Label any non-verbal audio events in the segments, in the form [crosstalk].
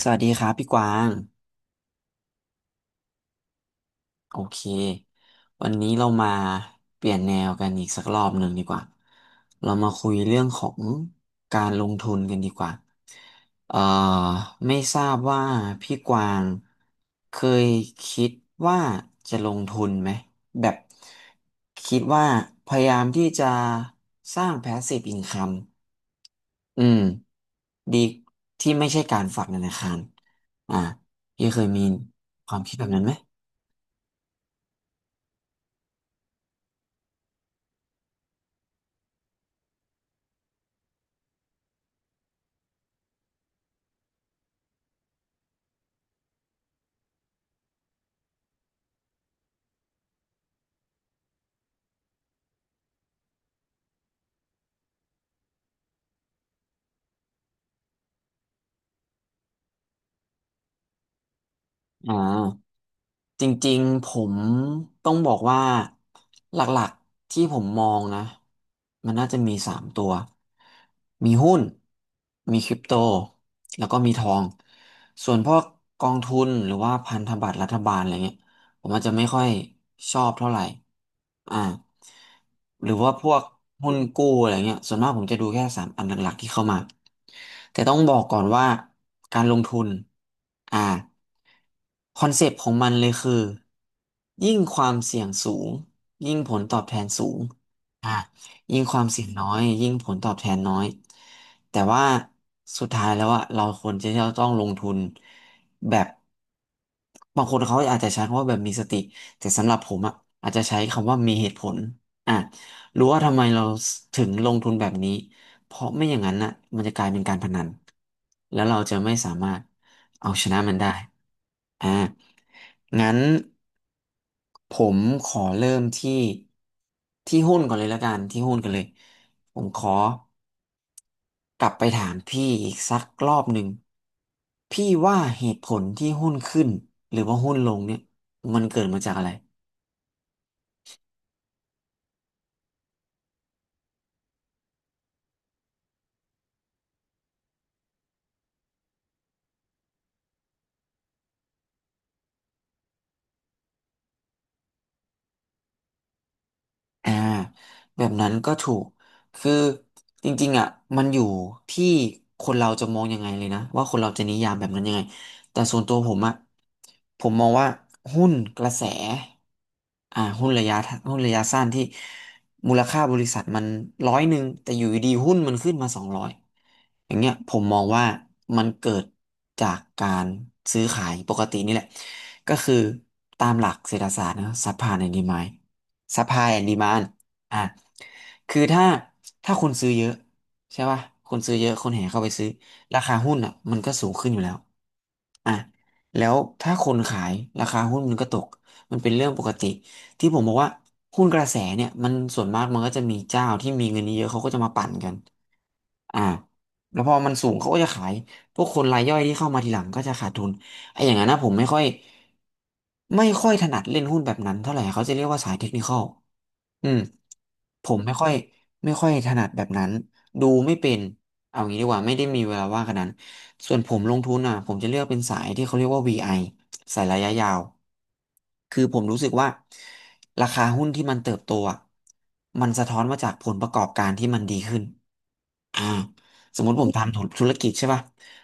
สวัสดีครับพี่กวางโอเควันนี้เรามาเปลี่ยนแนวกันอีกสักรอบหนึ่งดีกว่าเรามาคุยเรื่องของการลงทุนกันดีกว่าเอ่อไม่ทราบว่าพี่กวางเคยคิดว่าจะลงทุนไหมแบบคิดว่าพยายามที่จะสร้าง passive income อืมดีที่ไม่ใช่การฝากธนาคารอ่าพี่เคยมีความคิดแบบนั้นไหม อ่าจริงๆผมต้องบอกว่าหลักๆที่ผมมองนะมันน่าจะมีสามตัวมีหุ้นมีคริปโตแล้วก็มีทองส่วนพวกกองทุนหรือว่าพันธบัตรรัฐบาลอะไรเงี้ย ผมอาจจะไม่ค่อยชอบเท่าไหร่อ่าหรือว่าพวกหุ้นกู้อะไรเงี้ยส่วนมากผมจะดูแค่สามอันหลักๆที่เข้ามาแต่ต้องบอกก่อนว่าการลงทุนอ่าคอนเซปต์ของมันเลยคือยิ่งความเสี่ยงสูงยิ่งผลตอบแทนสูงอ่ะยิ่งความเสี่ยงน้อยยิ่งผลตอบแทนน้อยแต่ว่าสุดท้ายแล้วอะเราควรจะต้องลงทุนแบบ บางคนเขาอาจจะใช้คำว่าแบบมีสติแต่สำหรับผมอะอาจจะใช้คำว่ามีเหตุผลอ่ะรู้ว่าทำไมเราถึงลงทุนแบบนี้เพราะไม่อย่างนั้นน่ะมันจะกลายเป็นการพนันแล้วเราจะไม่สามารถเอาชนะมันได้อ่างั้นผมขอเริ่มที่ที่หุ้นก่อนเลยละกันที่หุ้นกันเลยผมขอ กลับไปถามพี่อีกสักรอบหนึ่งพี่ว่าเหตุผลที่หุ้นขึ้นหรือว่าหุ้นลงเนี่ยมันเกิดมาจากอะไร อ่าแบบนั้นก็ถูกคือจริงๆอ่ะมันอยู่ที่คนเราจะมองยังไงเลยนะว่าคนเราจะนิยามแบบนั้นยังไงแต่ส่วนตัวผมอ่ะผมมองว่าหุ้นกระแสอ่าหุ้นระยะหุ้นระยะสั้นที่มูลค่าบริษัทมัน100แต่อยู่ดีๆหุ้นมันขึ้นมา200อย่างเงี้ยผมมองว่ามันเกิดจากการซื้อขายปกตินี่แหละก็คือตามหลักเศรษฐศาสตร์นะซัพพลายแอนด์ดีมานด์ supply and demand อ่ะ คือถ้าคนซื้อเยอะใช่ป่ะคนซื้อเยอะคนแห่เข้าไปซื้อราคาหุ้นอ่ะมันก็สูงขึ้นอยู่แล้ว อ่ะแล้วถ้าคนขายราคาหุ้นมันก็ตกมันเป็นเรื่องปกติที่ผมบอกว่าหุ้นกระแสเนี่ยมันส่วนมากมันก็จะมีเจ้าที่มีเงินเยอะเขาก็จะมาปั่นกันอ่าแล้วพอมันสูงเขาก็จะขายพวกคนรายย่อยที่เข้ามาทีหลังก็จะขาดทุนไอ้อย่างนั้นนะผมไม่ค่อยถนัดเล่นหุ้นแบบนั้นเท่าไหร่เขาจะเรียกว่าสายเทคนิคอลอืมผมไม่ค่อยถนัดแบบนั้นดูไม่เป็นเอางี้ดีกว่าไม่ได้มีเวลาว่างขนาดนั้น ส่วนผมลงทุนอ่ะผมจะเลือกเป็นสายที่เขาเรียกว่า VI สายระยะยาวคือผมรู้สึกว่าราคาหุ้นที่มันเติบโตอ่ะมันสะท้อนมาจากผลประกอบการที่มันดีขึ้นอ่าสมมติผมทำธุรกิจใช่ป่ะ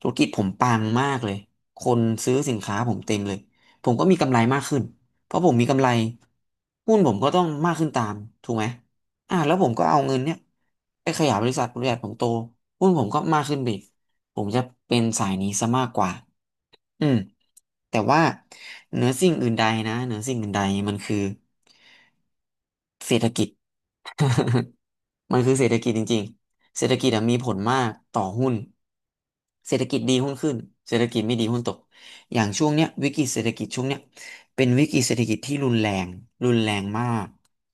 ธุรกิจผมปังมากเลยคนซื้อสินค้าผมเต็มเลยผมก็มีกำไรมากขึ้นเพราะผมมีกำไรหุ้นผมก็ต้องมากขึ้นตามถูกไหมแล้วผมก็เอาเงินเนี่ยไปขยายบริษัทบริษัทผมโตหุ้นผมก็มากขึ้นไปอีก ผมจะเป็นสายนี้ซะมากกว่าอืมแต่ว่าเหนือสิ่งอื่นใดนะเหนือสิ่งอื่นใดมันคือเศรษฐกิจ [laughs] มันคือเศรษฐกิจจริงๆเศรษฐกิจอะมีผลมากต่อหุ้น เศรษฐกิจดีหุ้นขึ้นเศรษฐกิจไม่ดีหุ้นตก อย่างช่วงเนี้ยวิกฤตเศรษฐกิจช่วงเนี้ยเป็นวิกฤตเศรษฐกิจที่รุนแรงรุนแรงมาก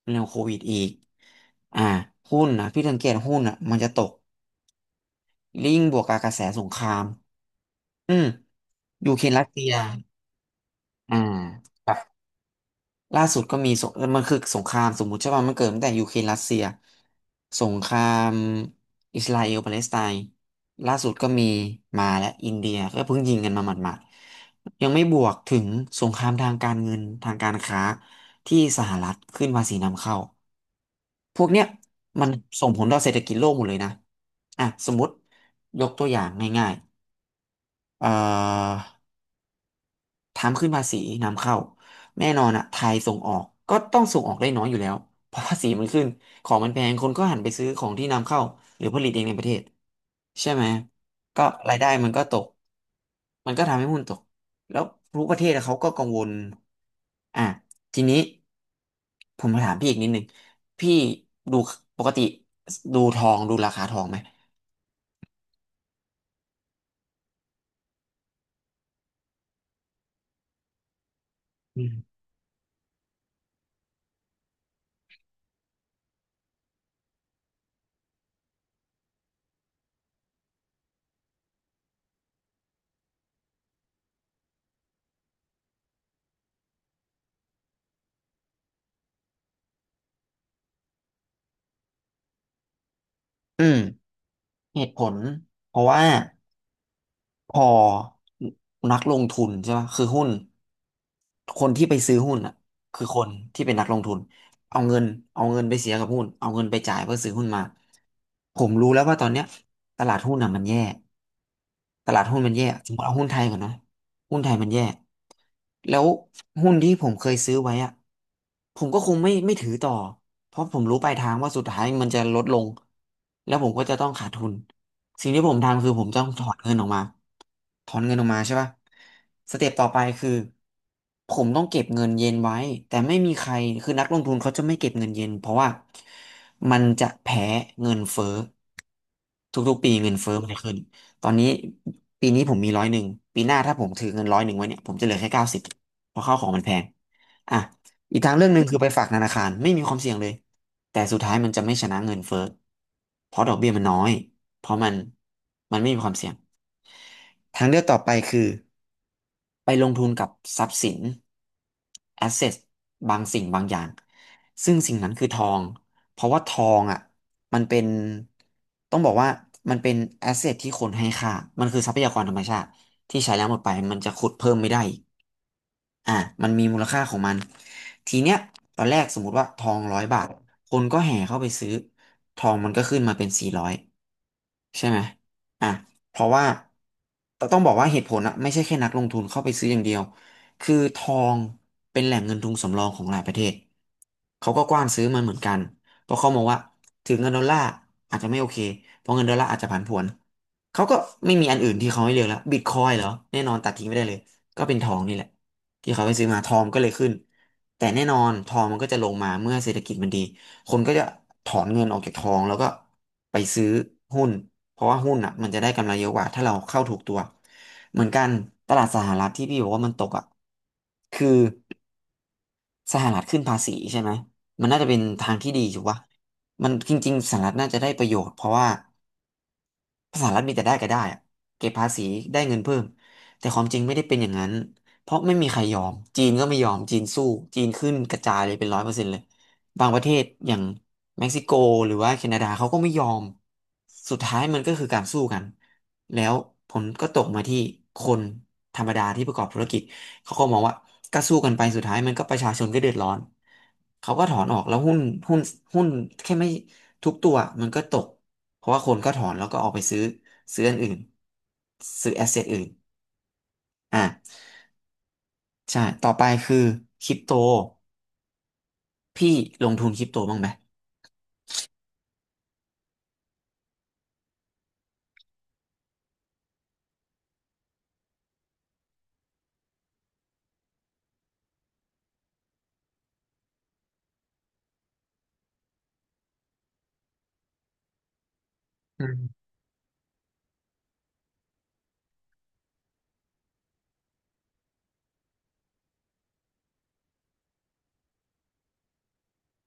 รุนแรื่าโควิดอีกอ่าหุ้นนะพี่สังเกตหุ้นอ่ะมันจะตกลิงก์บวกกับกระแสสงครามอืมยูเครนรัสเซีย อืมครับล่าสุดก็มีสงเออมันคือสงครามสมมุติใช่ป่ะมันเกิดตั้งแต่ยูเครนรัสเซียสงครามอิสราเอลปาเลสไตน์ล่าสุดก็มีมาและอินเดียก็เพิ่งยิงกันมาหมาดๆยังไม่บวกถึงสงครามทางการเงินทางการค้าที่สหรัฐขึ้นภาษีนำเข้าพวกเนี้ยมันส่งผลต่อเศรษฐกิจโลกหมดเลยนะอ่ะสมมติยกตัวอย่างง่ายๆทำขึ้นภาษีนำเข้าแน่นอนอะไทยส่งออกก็ต้องส่งออกได้น้อยอยู่แล้วเพราะภาษีมันขึ้นของมันแพงคนก็หันไปซื้อของที่นำเข้าหรือผลิตเองในประเทศใช่ไหมก็รายได้มันก็ตกมันก็ทำให้หุ้นตกแล้วรู้ประเทศอะเขาก็กังวลอ่ะทีนี้ผมมาถามพี่อีกนิดหนึงพี่ดูปกติดูทองดูราคาทองไหมอืมอืมเหตุผลเพราะว่า พอนักลงทุนใช่ไหมคือหุ้นคนที่ไปซื้อหุ้นอ่ะคือคนที่เป็นนักลงทุนเอาเงินเอาเงินไปเสียกับหุ้นเอาเงินไปจ่ายเพื่อซื้อหุ้นมาผมรู้แล้วว่าตอนเนี้ยตลาดหุ้นอ่ะมันแย่ตลาดหุ้นมันแย่สมมติเอาหุ้นไทยก่อนนะหุ้นไทยมันแย่แล้วหุ้นที่ผมเคยซื้อไว้อะผมก็คงไม่ถือต่อเพราะผมรู้ปลายทางว่าสุดท้ายมันจะลดลงแล้วผมก็จะต้องขาดทุนสิ่งที่ผมทำคือผมต้องถอนเงินออกมา ถอนเงินออกมาใช่ป่ะสเต็ปต่อไปคือผมต้องเก็บเงินเย็นไว้แต่ไม่มีใครคือนักลงทุนเขาจะไม่เก็บเงินเย็นเพราะว่ามันจะแพ้เงินเฟ้อทุกๆปีเงินเฟ้อมันจะขึ้นตอนนี้ปีนี้ผมมีร้อยหนึ่งปีหน้าถ้าผมถือเงินร้อยหนึ่งไว้เนี่ยผมจะเหลือแค่90เพราะข้าวของมันแพงอ่ะอีกทางเรื่องหนึ่งคือไปฝากธนาคารไม่มีความเสี่ยงเลยแต่สุดท้ายมันจะไม่ชนะเงินเฟ้อเพราะดอกเบี้ยมันน้อย เพราะมันไม่มีความเสี่ยงทางเลือกต่อไปคือไปลงทุนกับทรัพย์สินแอสเซทบางสิ่งบางอย่างซึ่งสิ่งนั้นคือทองเพราะว่าทองอ่ะมันเป็นต้องบอกว่ามันเป็นแอสเซทที่คนให้ค่ามันคือทรัพยากรธรรมชาติที่ใช้แล้วหมดไปมันจะขุดเพิ่มไม่ได้อีกอ่ะมันมีมูลค่าของมันทีเนี้ยตอนแรกสมมติว่าทอง100 บาทคนก็แห่เข้าไปซื้อทองมันก็ขึ้นมาเป็น400 ใช่ไหมอ่ะเพราะว่าแตต้องบอกว่าเหตุผลอะไม่ใช่แค่นักลงทุนเข้าไปซื้ออย่างเดียวคือทองเป็นแหล่งเงินทุนสำรองของหลายประเทศเขาก็กว้านซื้อมันเหมือนกันเพราะเขามองว่าถึงเงินดอลลาร์อาจจะไม่โอเคเพราะเงินดอลลาร์อาจจะผันผวนเขาก็ไม่มีอันอื่นที่เขาให้เลือกแล้วบิตคอยเหรอแน่นอนตัดทิ้งไม่ได้เลยก็เป็นทองนี่แหละที่เขาไปซื้อมาทองก็เลยขึ้นแต่แน่นอนทองมันก็จะลงมาเมื่อเศรษฐกิจมันดี คนก็จะถอนเงินออกจากทองแล้วก็ไปซื้อหุ้นเพราะว่าหุ้นอ่ะมันจะได้กำไรเยอะกว่าถ้าเราเข้าถูกตัวเหมือนกันตลาดสหรัฐที่พี่บอกว่ามันตกอ่ะคือสหรัฐขึ้นภาษีใช่ไหมมันน่าจะเป็นทางที่ดีถูกปะมันจริงๆสหรัฐน่าจะได้ประโยชน์เพราะว่า สหรัฐมีแต่ได้ก็ได้อะเก็บภาษีได้เงินเพิ่ม แต่ความจริงไม่ได้เป็นอย่างนั้น เพราะไม่มีใครยอม จีนก็ไม่ยอมจีนสู้ จีนขึ้นกระจายเลยเป็น100%เลยบางประเทศอย่างเม็กซิโกหรือว่าแคนาดาเขาก็ไม่ยอม สุดท้ายมันก็คือการสู้กันแล้วผลก็ตกมาที่คนธรรมดาที่ประกอบธุรกิจ เขาก็มองว่าก็สู้กันไปสุดท้ายมันก็ประชาชนก็เดือดร้อนเขาก็ถอนออกแล้วหุ้นหุ้นหุ้นแค่ไม่ทุกตัวมันก็ตก เพราะว่าคนก็ถอนแล้วก็ออกไปซื้ออันอื่นซื้อแอสเซทอื่นอ่ะใช่ต่อไปคือคริปโตพี่ลงทุนคริปโตบ้างไหม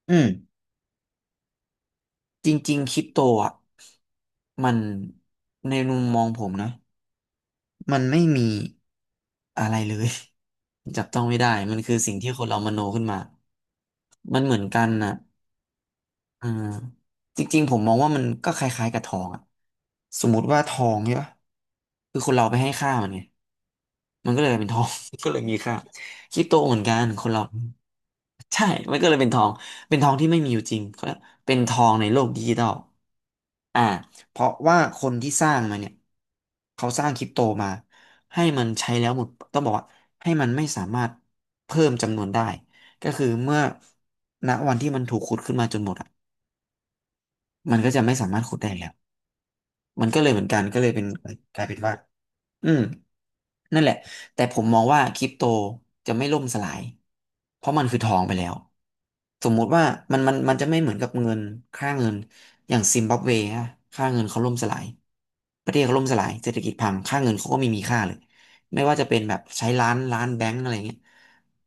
อืมจริงๆคริปโตอ่ะมันในมุมมองผมนะมันไม่มีอะไรเลย [laughs] จับต้องไม่ได้มันคือสิ่งที่คนเรามโนขึ้นมามันเหมือนกันนะ อ่าจริงๆผมมองว่ามันก็คล้ายๆกับทองอะสมมุติว่าทองใช่ปะคือคนเราไปให้ค่ามันไงมันก็เลยเป็นทอง [laughs] ก็เลยมีค่าคริปโตเหมือนกันคนเราใช่มันก็เลยเป็นทองเป็นทองที่ไม่มีอยู่จริงเขาเรียกเป็นทองในโลกดิจิทัลอ่าเพราะว่าคนที่สร้างมันเนี่ยเขาสร้างคริปโตมาให้มันใช้แล้วหมดต้องบอกว่าให้มันไม่สามารถเพิ่มจำนวนได้ก็คือเมื่อณวันที่มันถูกขุดขึ้นมาจนหมดอะ มันก็จะไม่สามารถขุดได้แล้ว มันก็เลยเหมือนกันก็เลยเป็นกลายเป็นว่า อืมนั่นแหละ แต่ผมมองว่าคริปโตจะไม่ล่มสลาย เพราะมันคือทองไปแล้ว สมมุติว่ามันจะไม่เหมือนกับเงินค่าเงินอย่างซิมบับเวฮะค่าเงินเขาล่มสลายประเทศเขาล่มสลายเศรษฐกิจพังค่าเงินเขาก็ไม่มีค่าเลยไม่ว่าจะเป็นแบบใช้ล้านล้านแบงก์อะไรเงี้ย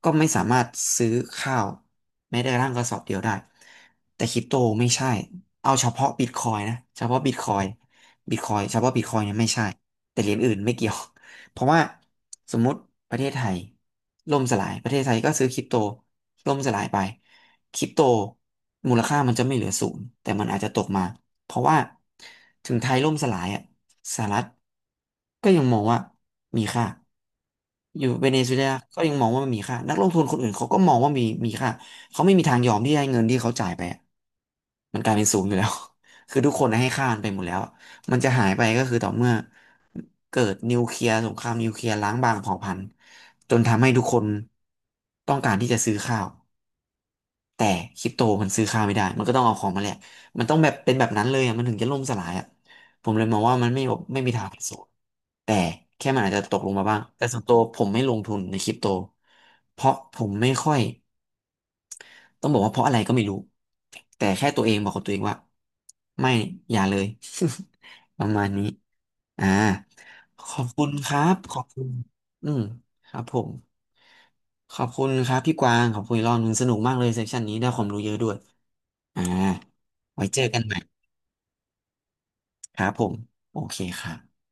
ก็ไม่สามารถซื้อข้าวแม้แต่กระทั่งกระสอบเดียวได้แต่คริปโตไม่ใช่เอาเฉพาะบิตคอยนะเฉพาะบิตคอยบิตคอยเฉพาะบิตคอยเนี่ยไม่ใช่ แต่เหรียญอื่นไม่เกี่ยว [laughs] เพราะว่าสมมุติประเทศไทยล่มสลาย ประเทศไทยก็ซื้อคริปโตล่มสลายไปคริปโตมูลค่ามันจะไม่เหลือศูนย์แต่มันอาจจะตกมา เพราะว่าถึงไทยล่มสลายอ่ะสหรัฐก็ยังมองว่ามีค่าอยู่เวเนซุเอลาก็ยังมองว่ามันมีค่านักลงทุนคนอื่นเขาก็มองว่ามีค่าเขาไม่มีทางยอมที่จะให้เงินที่เขาจ่ายไปอะมันกลายเป็นศูนย์อยู่แล้ว [laughs] คือทุกคนให้ค่ามันไปหมดแล้ว มันจะหายไปก็คือต่อเมื่อเกิดนิวเคลียร์สงครามนิวเคลียร์ล้างบางเผ่าพันธุ์จนทำให้ทุกคนต้องการที่จะซื้อข้าวแต่คริปโตมันซื้อข้าวไม่ได้มันก็ต้องเอาของมาแลกมันต้องแบบเป็นแบบนั้นเลยอะมันถึงจะล่มสลายอ่ะผมเลยมองว่ามันไม่มีทางเป็นศูนย์แต่แค่มันอาจจะตกลงมาบ้างแต่ส่วนตัวผมไม่ลงทุนในคริปโตเพราะผมไม่ค่อยต้องบอกว่าเพราะอะไรก็ไม่รู้แต่แค่ตัวเองบอกกับตัวเองว่าไม่อย่าเลย [laughs] ประมาณนี้ อ่าขอบคุณครับขอบคุณอืมครับผมขอบคุณครับพี่กวางขอบคุณอีกรอบหนึงสนุกมากเลยเซสชันนี้ได้ความรู้เยอะด้วยอ่าไว้เจอกันใหม่ครับผมโอเคครับ